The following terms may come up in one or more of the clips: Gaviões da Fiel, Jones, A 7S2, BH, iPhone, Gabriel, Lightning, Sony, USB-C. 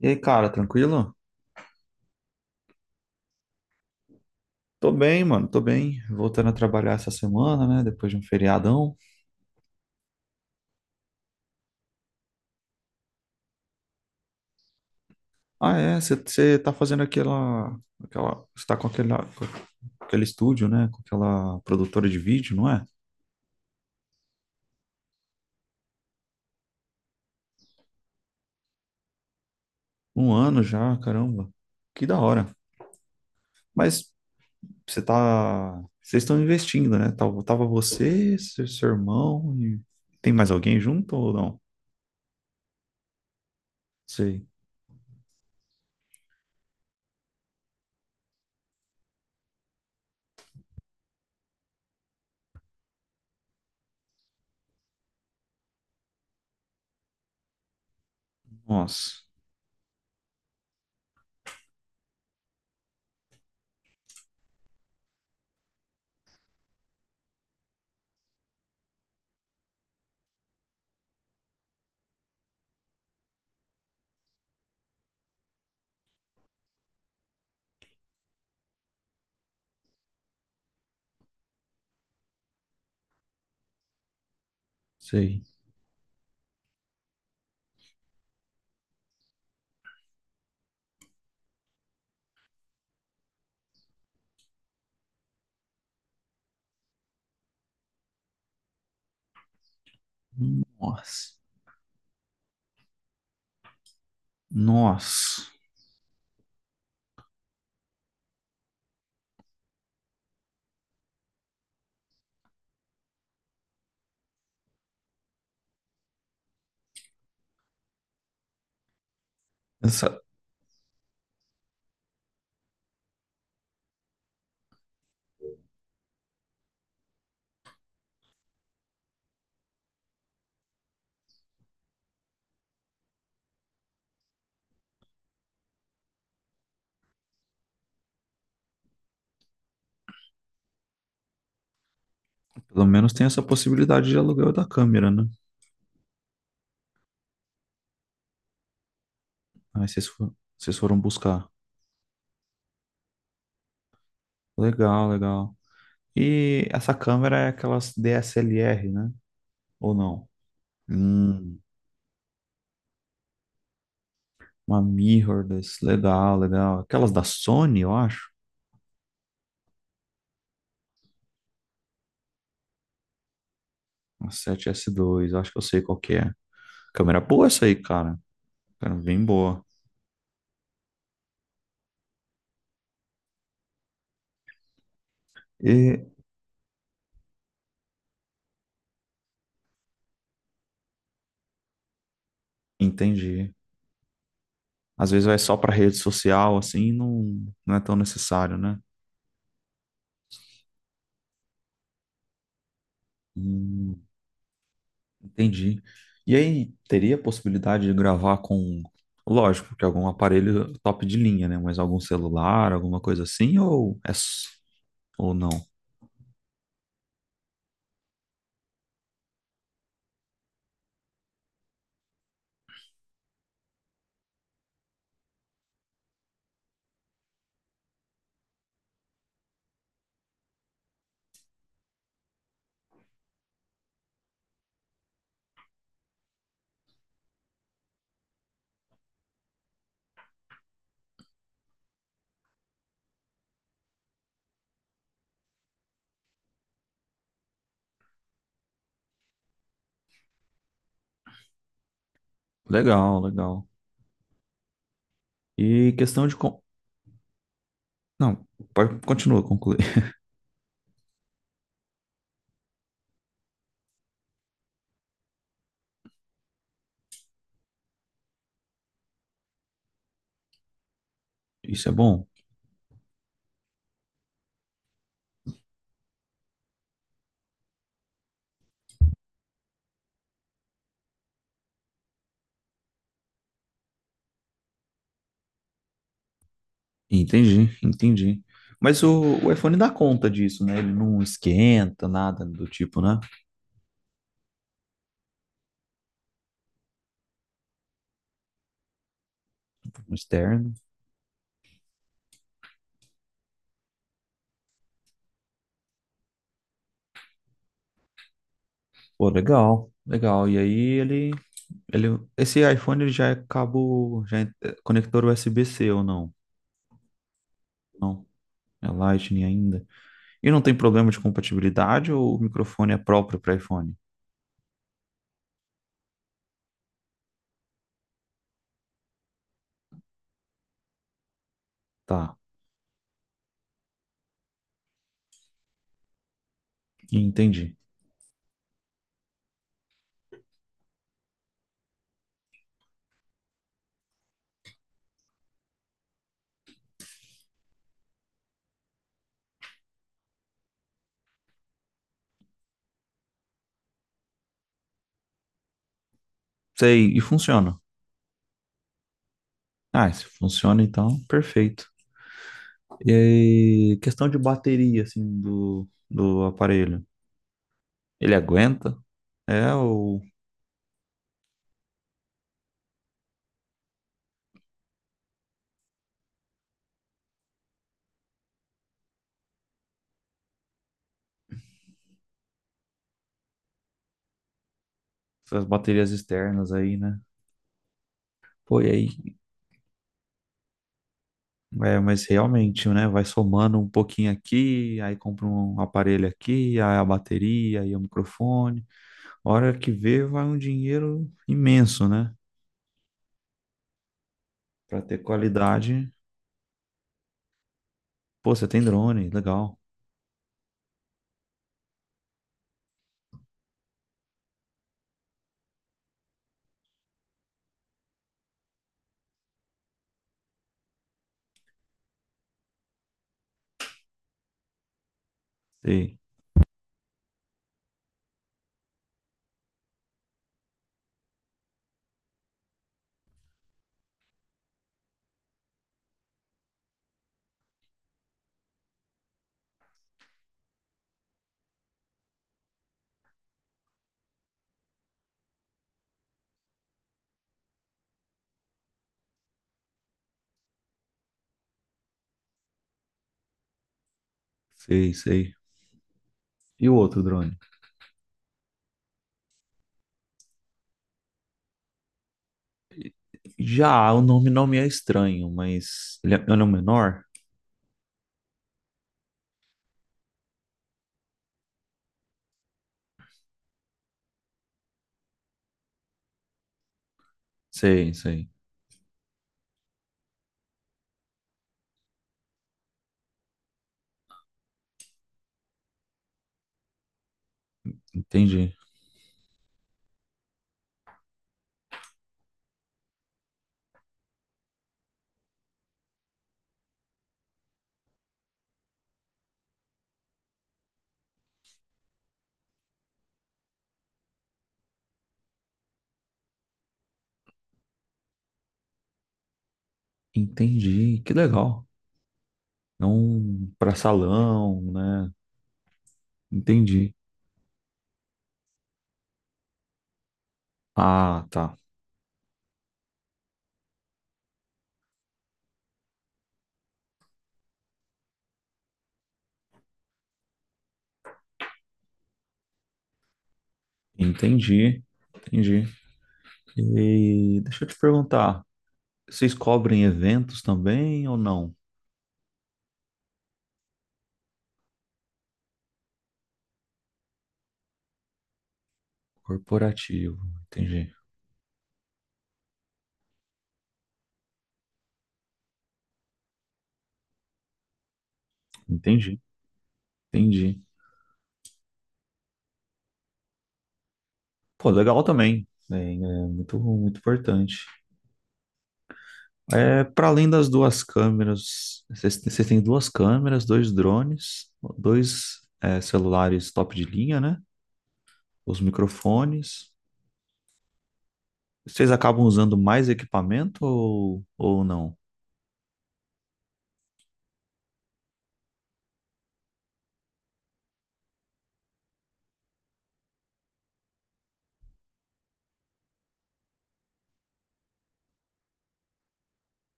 E aí, cara, tranquilo? Tô bem, mano, tô bem. Voltando a trabalhar essa semana, né? Depois de um feriadão. Ah, é, você tá fazendo aquela, aquela, você tá com aquele estúdio, né? Com aquela produtora de vídeo, não é? Um ano já, caramba. Que da hora. Mas você tá, vocês estão investindo, né? Tava, tava você, seu irmão e tem mais alguém junto ou não? Sei. Nossa. Sei. Nossa. Nossa. Essa- Pelo menos tem essa possibilidade de aluguel da câmera, né? Aí vocês, fo- vocês foram buscar. Legal, legal. E essa câmera é aquelas DSLR, né? Ou não? Hum, uma mirrorless. Legal, legal. Aquelas da Sony, eu acho. A 7S2, eu acho que eu sei qual que é. Câmera boa essa aí, cara. Cara, bem boa. E entendi. Às vezes vai só para rede social, assim, não, não é tão necessário, né? Hum, Entendi. E aí, teria a possibilidade de gravar com, lógico, que algum aparelho top de linha, né? Mas algum celular, alguma coisa assim, ou é s- ou não? Legal, legal. E questão de con- Não, pode continua, concluir. Isso é bom? Entendi, entendi. Mas o iPhone dá conta disso, né? Ele não esquenta nada do tipo, né? No externo. Pô, legal, legal. E aí ele, ele, esse iPhone ele já é cabo, já é conector USB-C ou não? Não, é Lightning ainda. E não tem problema de compatibilidade ou o microfone é próprio para iPhone? Tá, entendi. Sei, e funciona. Ah, se funciona então, perfeito. E aí, questão de bateria, assim, do aparelho. Ele aguenta? É, ou as baterias externas aí, né? Pô, e aí? É, mas realmente, né? Vai somando um pouquinho aqui, aí compra um aparelho aqui, aí a bateria, aí o microfone. Hora que vê, vai um dinheiro imenso, né? Pra ter qualidade. Pô, você tem drone, legal. Sei, sei, sei. E o outro drone? Já, o nome não me é estranho, mas ele é um menor? Sei, sei. Entendi. Entendi. Que legal. É um pra salão, né? Entendi. Ah, tá. Entendi. Entendi. E deixa eu te perguntar, vocês cobrem eventos também ou não? Corporativo. Entendi. Entendi. Entendi. Pô, legal também. É, é muito, muito importante. É, para além das duas câmeras, vocês têm duas câmeras, dois drones, dois, é, celulares top de linha, né? Os microfones. Vocês acabam usando mais equipamento ou não?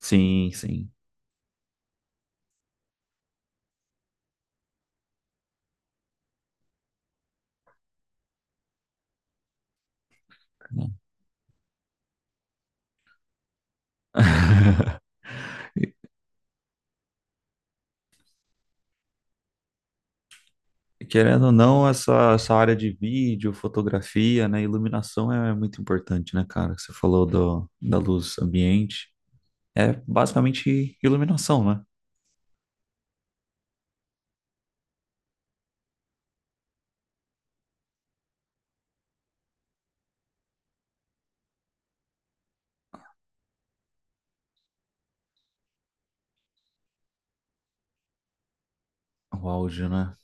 Sim, sim. Não. Querendo ou não, essa área de vídeo, fotografia, né, iluminação é muito importante, né, cara? Você falou do, da luz ambiente, é basicamente iluminação, né? O áudio, né?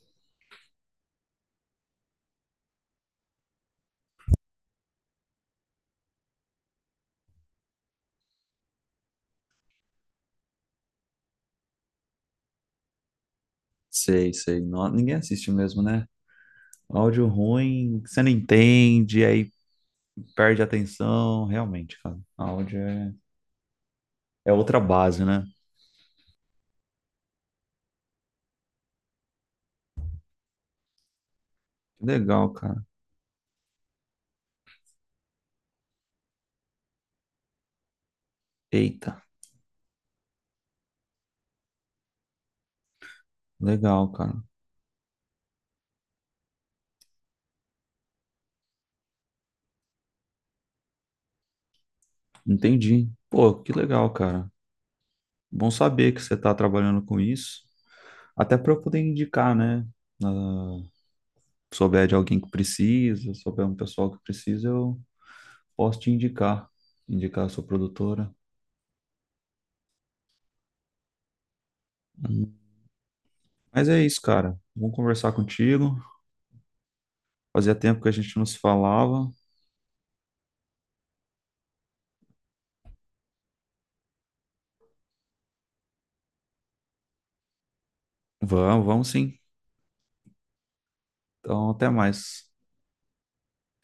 Sei, sei. Não, ninguém assiste mesmo, né? Áudio ruim, você não entende, aí perde a atenção. Realmente, cara. Áudio é, é outra base, né? Que legal, cara. Eita, legal, cara. Entendi. Pô, que legal, cara. Bom saber que você tá trabalhando com isso. Até para eu poder indicar, né? Ah, souber de alguém que precisa, souber um pessoal que precisa, eu posso te indicar. Indicar a sua produtora. Hum. Mas é isso, cara. Vamos conversar contigo. Fazia tempo que a gente não se falava. Vamos, vamos sim. Então, até mais.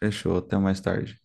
Fechou, até mais tarde.